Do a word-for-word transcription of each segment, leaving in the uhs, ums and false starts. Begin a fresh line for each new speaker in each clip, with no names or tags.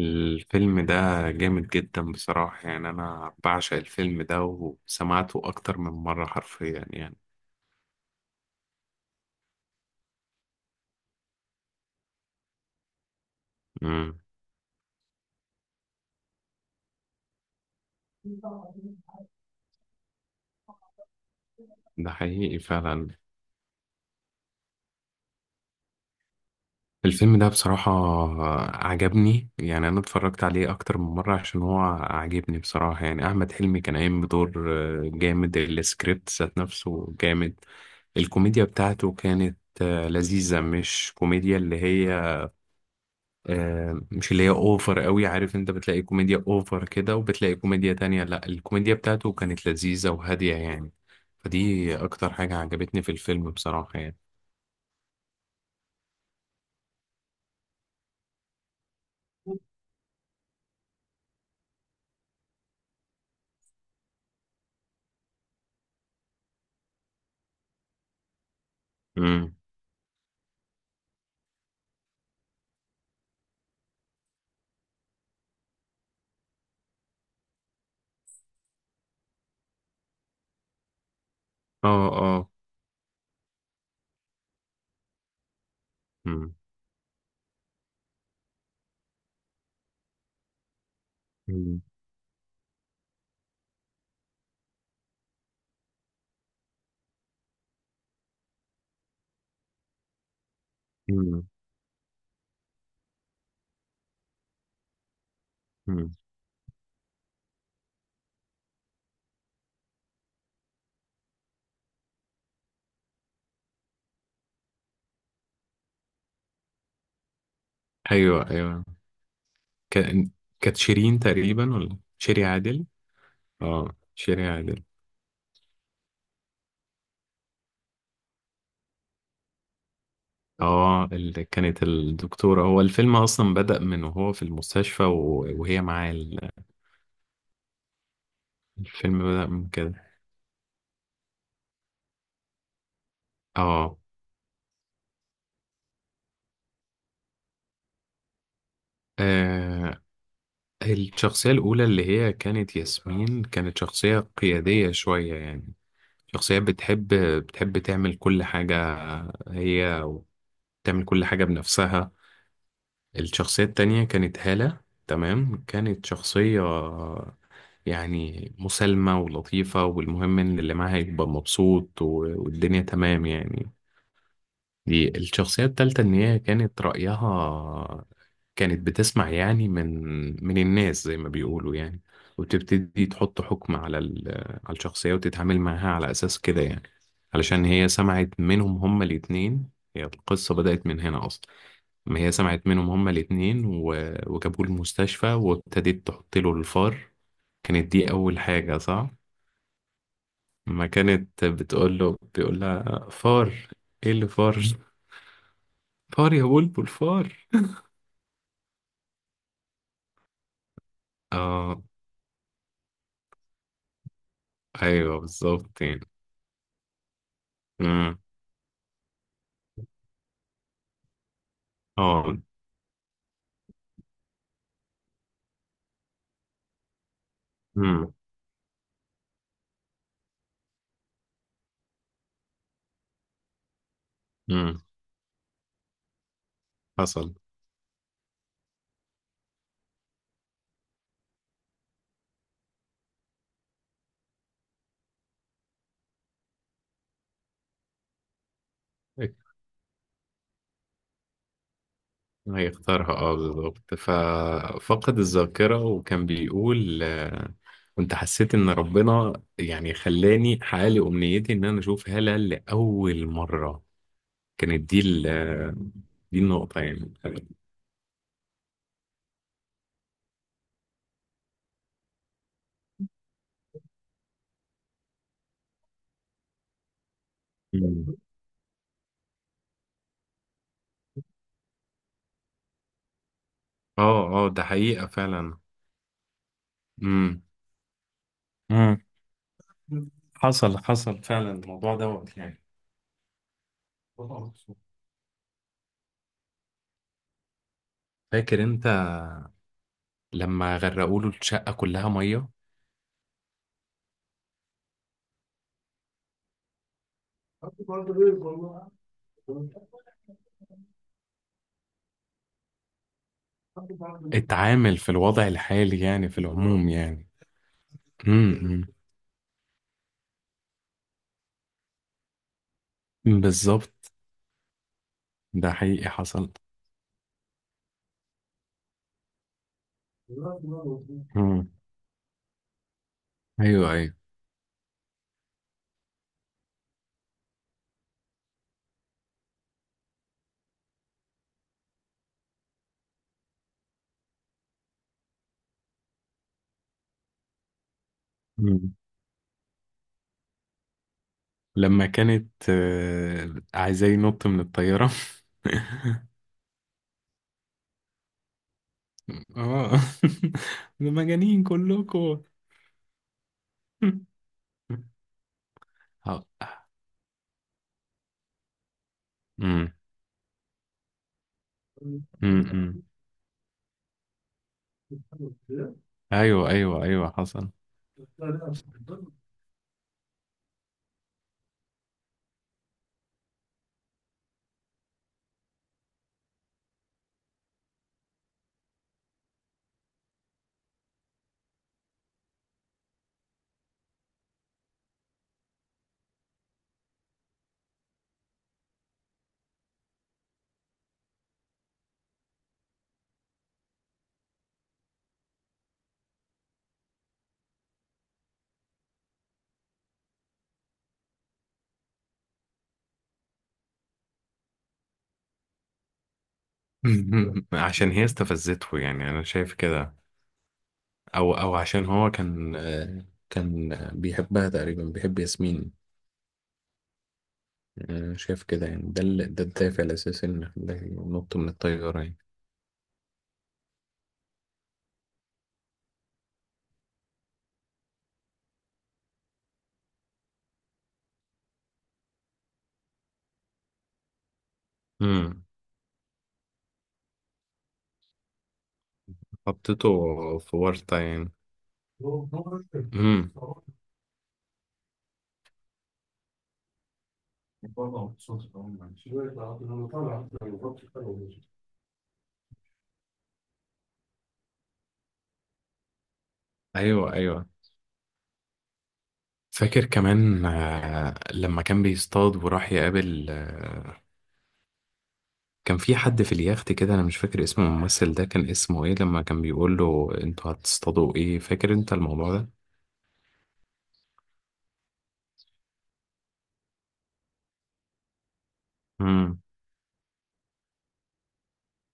الفيلم ده جامد جدا بصراحة، يعني أنا بعشق الفيلم ده وسمعته أكتر من مرة حرفيا يعني. امم. ده حقيقي فعلا. الفيلم ده بصراحة عجبني، يعني أنا اتفرجت عليه أكتر من مرة عشان هو عجبني بصراحة يعني. أحمد حلمي كان قايم بدور آه، جامد. السكريبت ذات نفسه جامد. الكوميديا بتاعته كانت آه، لذيذة، مش كوميديا اللي هي آه، مش اللي هي اوفر قوي. عارف انت بتلاقي كوميديا اوفر كده وبتلاقي كوميديا تانية، لا، الكوميديا بتاعته كانت لذيذة وهادية يعني. فدي اكتر حاجة عجبتني في الفيلم بصراحة يعني. امم. اه، اه. امم. امم. امم. أمم. ايوه، ايوه. كان. كانت شيرين تقريبا ولا شيري عادل؟ اه، شيري عادل. اه، اللي كانت الدكتورة. هو الفيلم اصلا بدأ من وهو في المستشفى و- وهي معاه ال- الفيلم بدأ من كده. اه. آه، الشخصية الأولى اللي هي كانت ياسمين، كانت شخصية قيادية شوية يعني. شخصية بتحب بتحب تعمل كل حاجة هي، وتعمل كل حاجة بنفسها. الشخصية التانية كانت هالة، تمام، كانت شخصية يعني مسالمة ولطيفة، والمهم إن اللي معاها يبقى مبسوط و- والدنيا تمام يعني. دي الشخصية التالتة إن هي كانت رأيها، كانت بتسمع يعني من من الناس زي ما بيقولوا يعني، وتبتدي تحط حكم على ال... على الشخصية وتتعامل معاها على أساس كده يعني، علشان هي سمعت منهم هما الاتنين. هي القصة بدأت من هنا أصلا. ما هي سمعت منهم هما الاتنين و... وجابوه المستشفى وابتدت تحط له الفار. كانت دي أول حاجة، صح؟ ما كانت بتقول له، بيقول لها فار. إيه اللي فار؟ فار يا بلبل فار. اه. ايوه، بالظبط يعني. امم. اه. امم. امم. حصل. هي اختارها، اه بالظبط، ففقد الذاكرة وكان بيقول آه، كنت حسيت ان ربنا يعني خلاني حقق امنيتي ان انا اشوف هالة لأول مرة. كانت دي ال آه، دي النقطة يعني. مم. اه، اه، ده حقيقة فعلا. امم. امم. حصل، حصل فعلا الموضوع دوت يعني. فاكر انت لما غرقوا له الشقة كلها مية؟ اتعامل في الوضع الحالي يعني، في العموم يعني. امم. بالظبط. ده حقيقي حصل. مم. ايوه، ايوه. مم. لما كانت آه، عايزاه ينط من الطيارة. اه. ده مجانين كلكم. ه- مم. مم. مم. ايوه، ايوه، ايوه، حصل. عشان هي استفزته، يعني انا شايف كده. او او عشان هو كان آه، كان بيحبها تقريبا، بيحب ياسمين. آه، شايف كده يعني، ده ال- ده الدافع الاساسي ان خلاه ينط من الطياره يعني. امم. حطيته في ورطه يعني. امم. ايوه، ايوه. فاكر كمان آه، لما كان بيصطاد وراح يقابل آه، كان في حد في اليخت كده، انا مش فاكر اسم الممثل ده كان اسمه ايه، لما كان بيقول له انتوا هتصطادوا ايه. فاكر انت الموضوع ده؟ امم.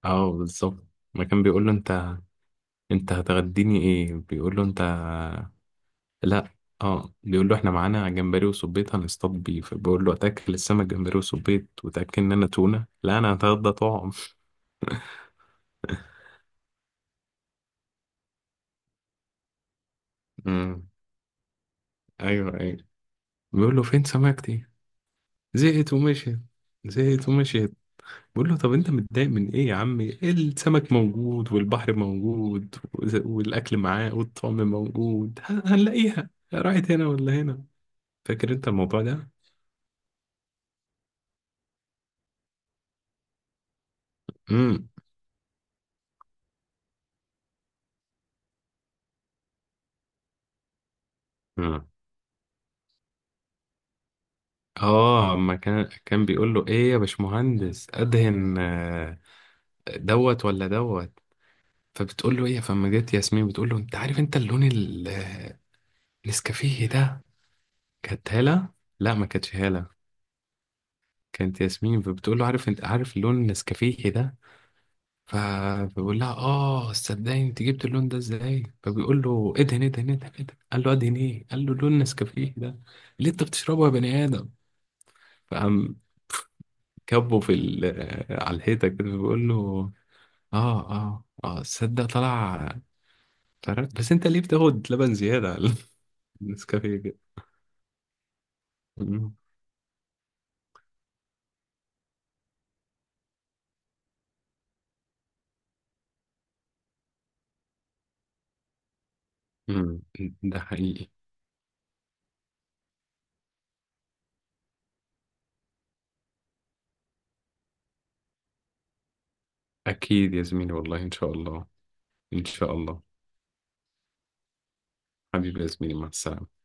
اه، بالظبط. ما كان بيقول له انت انت هتغديني ايه؟ بيقول له انت. لا. اه، بيقول له احنا معانا جمبري وصبيط هنصطاد بيه، فبيقول له اتاكل السمك جمبري وصبيط وتاكل ان انا تونه؟ لا، انا هتغدى طعم. امم. ايوه، ايوه. بيقول له فين سمكتي؟ زهقت ومشيت. زهقت ومشيت. بيقول له طب انت متضايق من ايه يا عمي، السمك موجود والبحر موجود وز- والاكل معاه والطعم موجود، هن- هنلاقيها، راحت هنا ولا هنا. فاكر انت الموضوع ده؟ امم. اه، ما كان كان بيقول له، ايه يا باشمهندس ادهن آه، دوت ولا دوت. فبتقول له ايه، فما جت ياسمين بتقول له انت عارف، انت اللون ال- آه، النسكافيه ده. كانت هالة. لا، ما كانتش هالة، كانت ياسمين. فبتقول له عارف، انت عارف اللون النسكافيه ده؟ فبيقول لها اه، صدقني انت جبت اللون ده ازاي؟ فبيقول له ادهن، ادهن، ادهن، ادهن. قال له ادهن ايه؟ قال له لون نسكافيه ده اللي انت بتشربه يا بني ادم. فقام كبه في ال- آه، على الحيطه كده، بيقول له اه، اه، اه، تصدق طلع. قررت، بس انت ليه بتاخد لبن زيادة على النسكافيه كده. مم. مم. ده حقيقي. اكيد يا زميلي، والله ان شاء الله. ان شاء الله. حبيبي يا زميلي، مع السلامة.